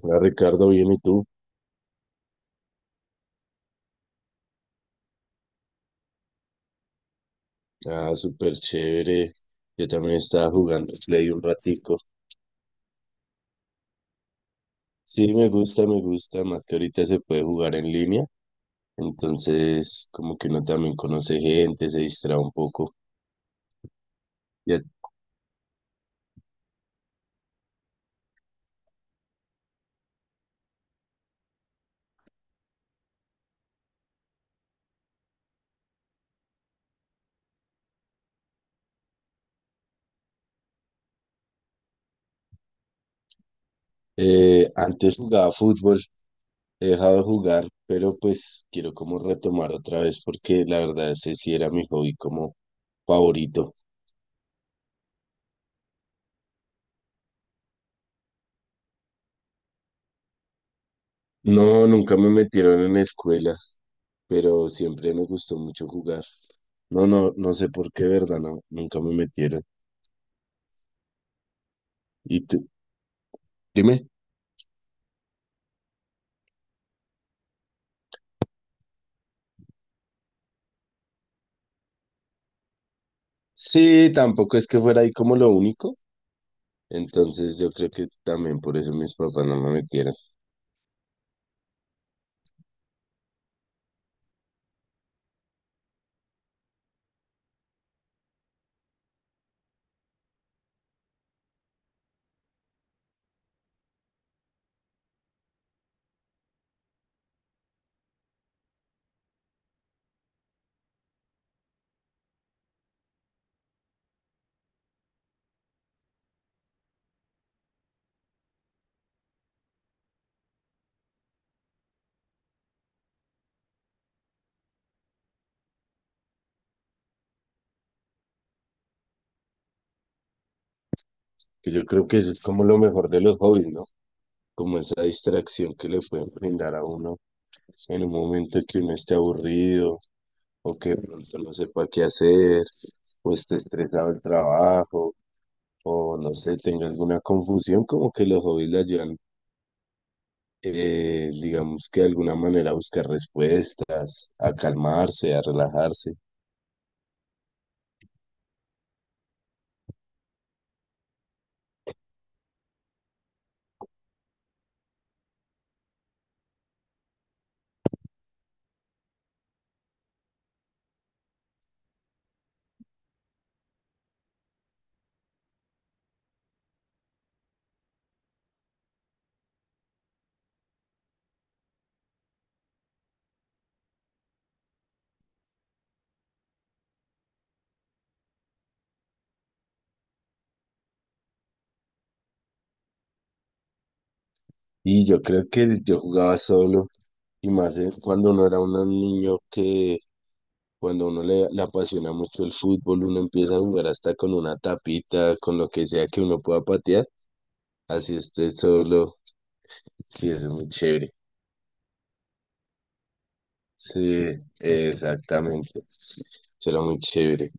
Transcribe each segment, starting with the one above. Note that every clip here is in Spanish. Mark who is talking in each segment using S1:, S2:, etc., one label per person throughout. S1: Hola Ricardo, bien, ¿y tú? Ah, súper chévere. Yo también estaba jugando Play un ratico. Sí, me gusta, más que ahorita se puede jugar en línea, entonces como que uno también conoce gente, se distrae un poco. Ya, antes jugaba fútbol, he dejado de jugar, pero pues quiero como retomar otra vez porque la verdad ese sí era mi hobby como favorito. No, nunca me metieron en escuela. Pero siempre me gustó mucho jugar. No sé por qué, ¿verdad? No, nunca me metieron. ¿Y tú? Dime. Sí, tampoco es que fuera ahí como lo único. Entonces yo creo que también por eso mis papás no me metieron. Que yo creo que eso es como lo mejor de los hobbies, ¿no? Como esa distracción que le pueden brindar a uno en un momento que uno esté aburrido, o que de pronto no sepa qué hacer, o esté estresado el trabajo, o no sé, tenga alguna confusión, como que los hobbies le ayudan, digamos que de alguna manera a buscar respuestas, a calmarse, a relajarse. Y yo creo que yo jugaba solo, y más cuando uno era un niño que... Cuando a uno le apasiona mucho el fútbol, uno empieza a jugar hasta con una tapita, con lo que sea que uno pueda patear. Así esté solo. Sí, eso es muy chévere. Sí, exactamente. Será muy chévere.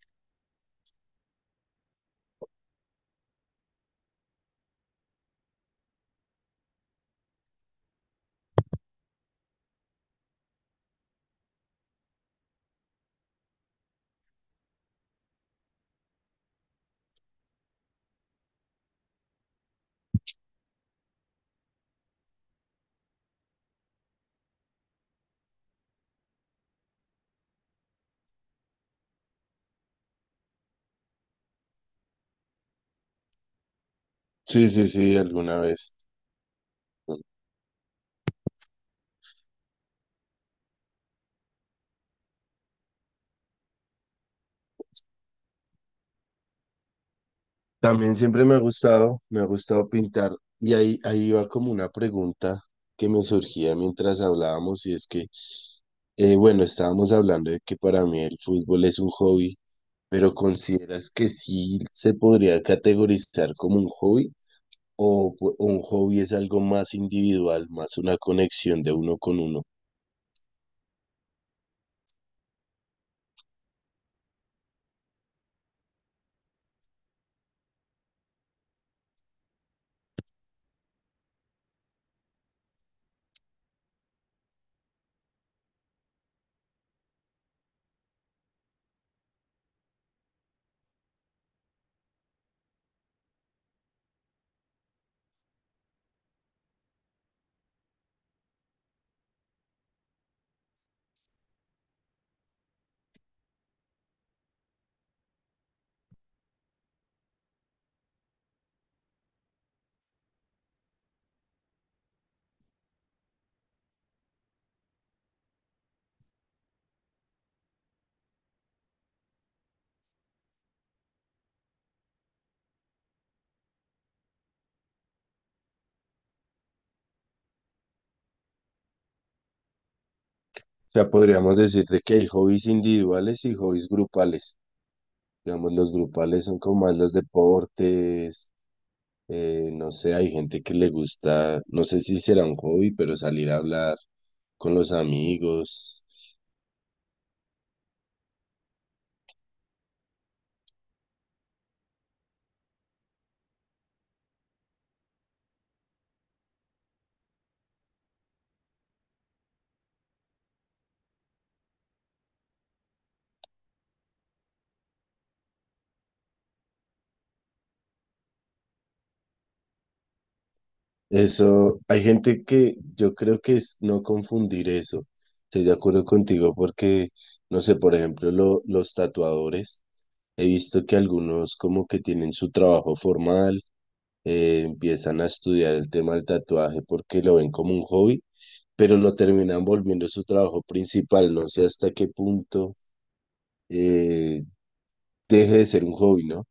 S1: Sí, sí, sí, alguna vez. También siempre me ha gustado pintar. Y ahí iba como una pregunta que me surgía mientras hablábamos, y es que, bueno, estábamos hablando de que para mí el fútbol es un hobby, pero ¿consideras que sí se podría categorizar como un hobby? ¿O o un hobby es algo más individual, más una conexión de uno con uno? O sea, podríamos decir de que hay hobbies individuales y hobbies grupales. Digamos, los grupales son como más los deportes, no sé, hay gente que le gusta, no sé si será un hobby, pero salir a hablar con los amigos. Eso, hay gente que yo creo que es no confundir eso. Estoy de acuerdo contigo porque, no sé, por ejemplo, los tatuadores, he visto que algunos como que tienen su trabajo formal, empiezan a estudiar el tema del tatuaje porque lo ven como un hobby, pero lo terminan volviendo su trabajo principal. No sé hasta qué punto eh, deje de ser un hobby, ¿no?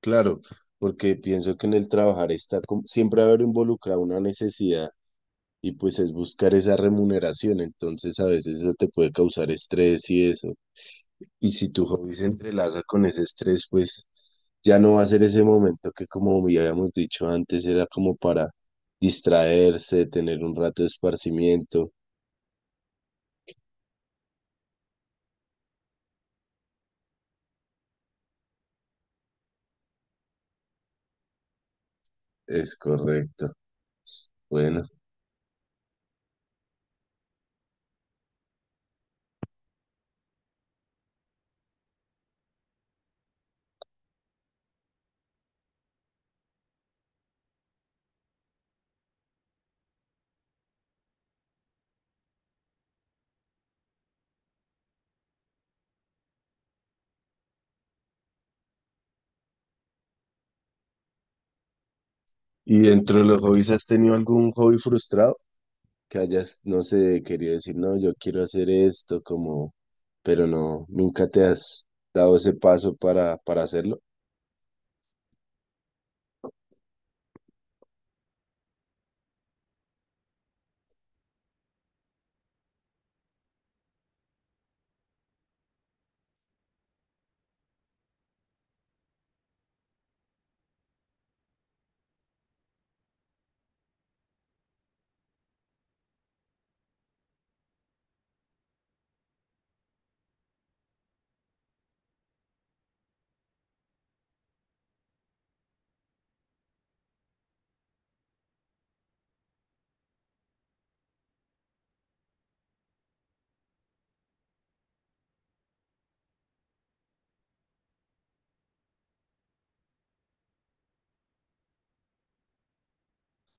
S1: Claro, porque pienso que en el trabajar siempre va a haber involucrada una necesidad y pues es buscar esa remuneración, entonces a veces eso te puede causar estrés y eso. Y si tu hobby se entrelaza con ese estrés, pues ya no va a ser ese momento que como ya habíamos dicho antes era como para distraerse, tener un rato de esparcimiento. Es correcto. Bueno. ¿Y dentro de los hobbies has tenido algún hobby frustrado? Que hayas, no sé, querido decir, no, yo quiero hacer esto, como, pero no, nunca te has dado ese paso para hacerlo.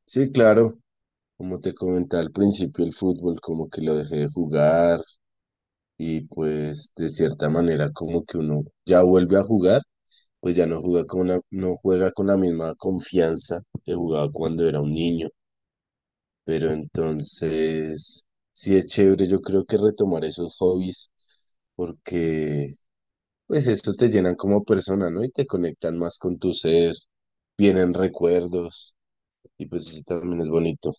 S1: Sí, claro, como te comentaba al principio, el fútbol, como que lo dejé de jugar, y pues de cierta manera como que uno ya vuelve a jugar, pues ya no juega con no juega con la misma confianza que jugaba cuando era un niño, pero entonces sí es chévere yo creo que retomar esos hobbies porque pues esto te llenan como persona, ¿no? Y te conectan más con tu ser, vienen recuerdos y pues eso también es bonito.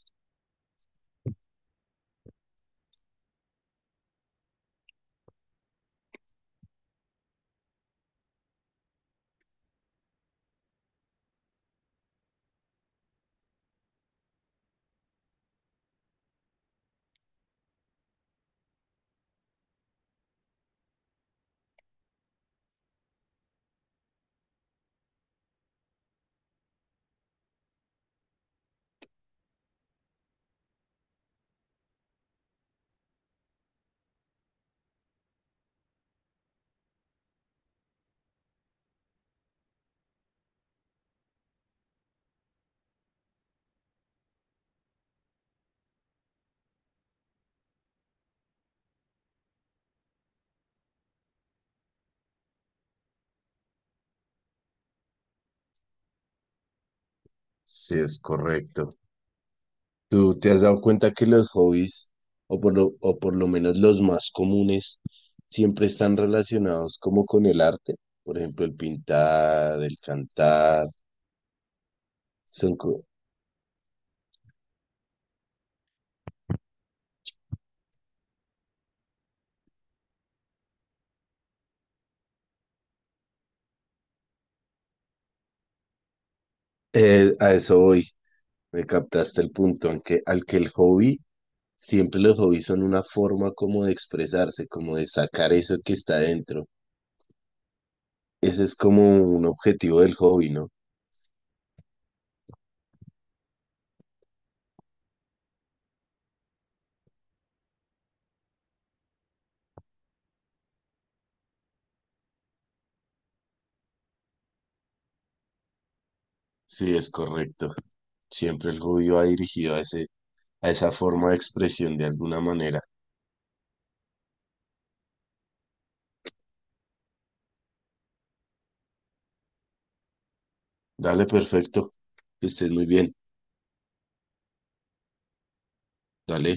S1: Sí, es correcto. ¿Tú te has dado cuenta que los hobbies, o por lo menos los más comunes, siempre están relacionados como con el arte? Por ejemplo, el pintar, el cantar. Son, co- a eso voy. Me captaste el punto en que, al que el hobby, siempre los hobbies son una forma como de expresarse, como de sacar eso que está dentro. Ese es como un objetivo del hobby, ¿no? Sí, es correcto. Siempre el hobby va dirigido a ese, a esa forma de expresión de alguna manera. Dale, perfecto. Que estés muy bien. Dale.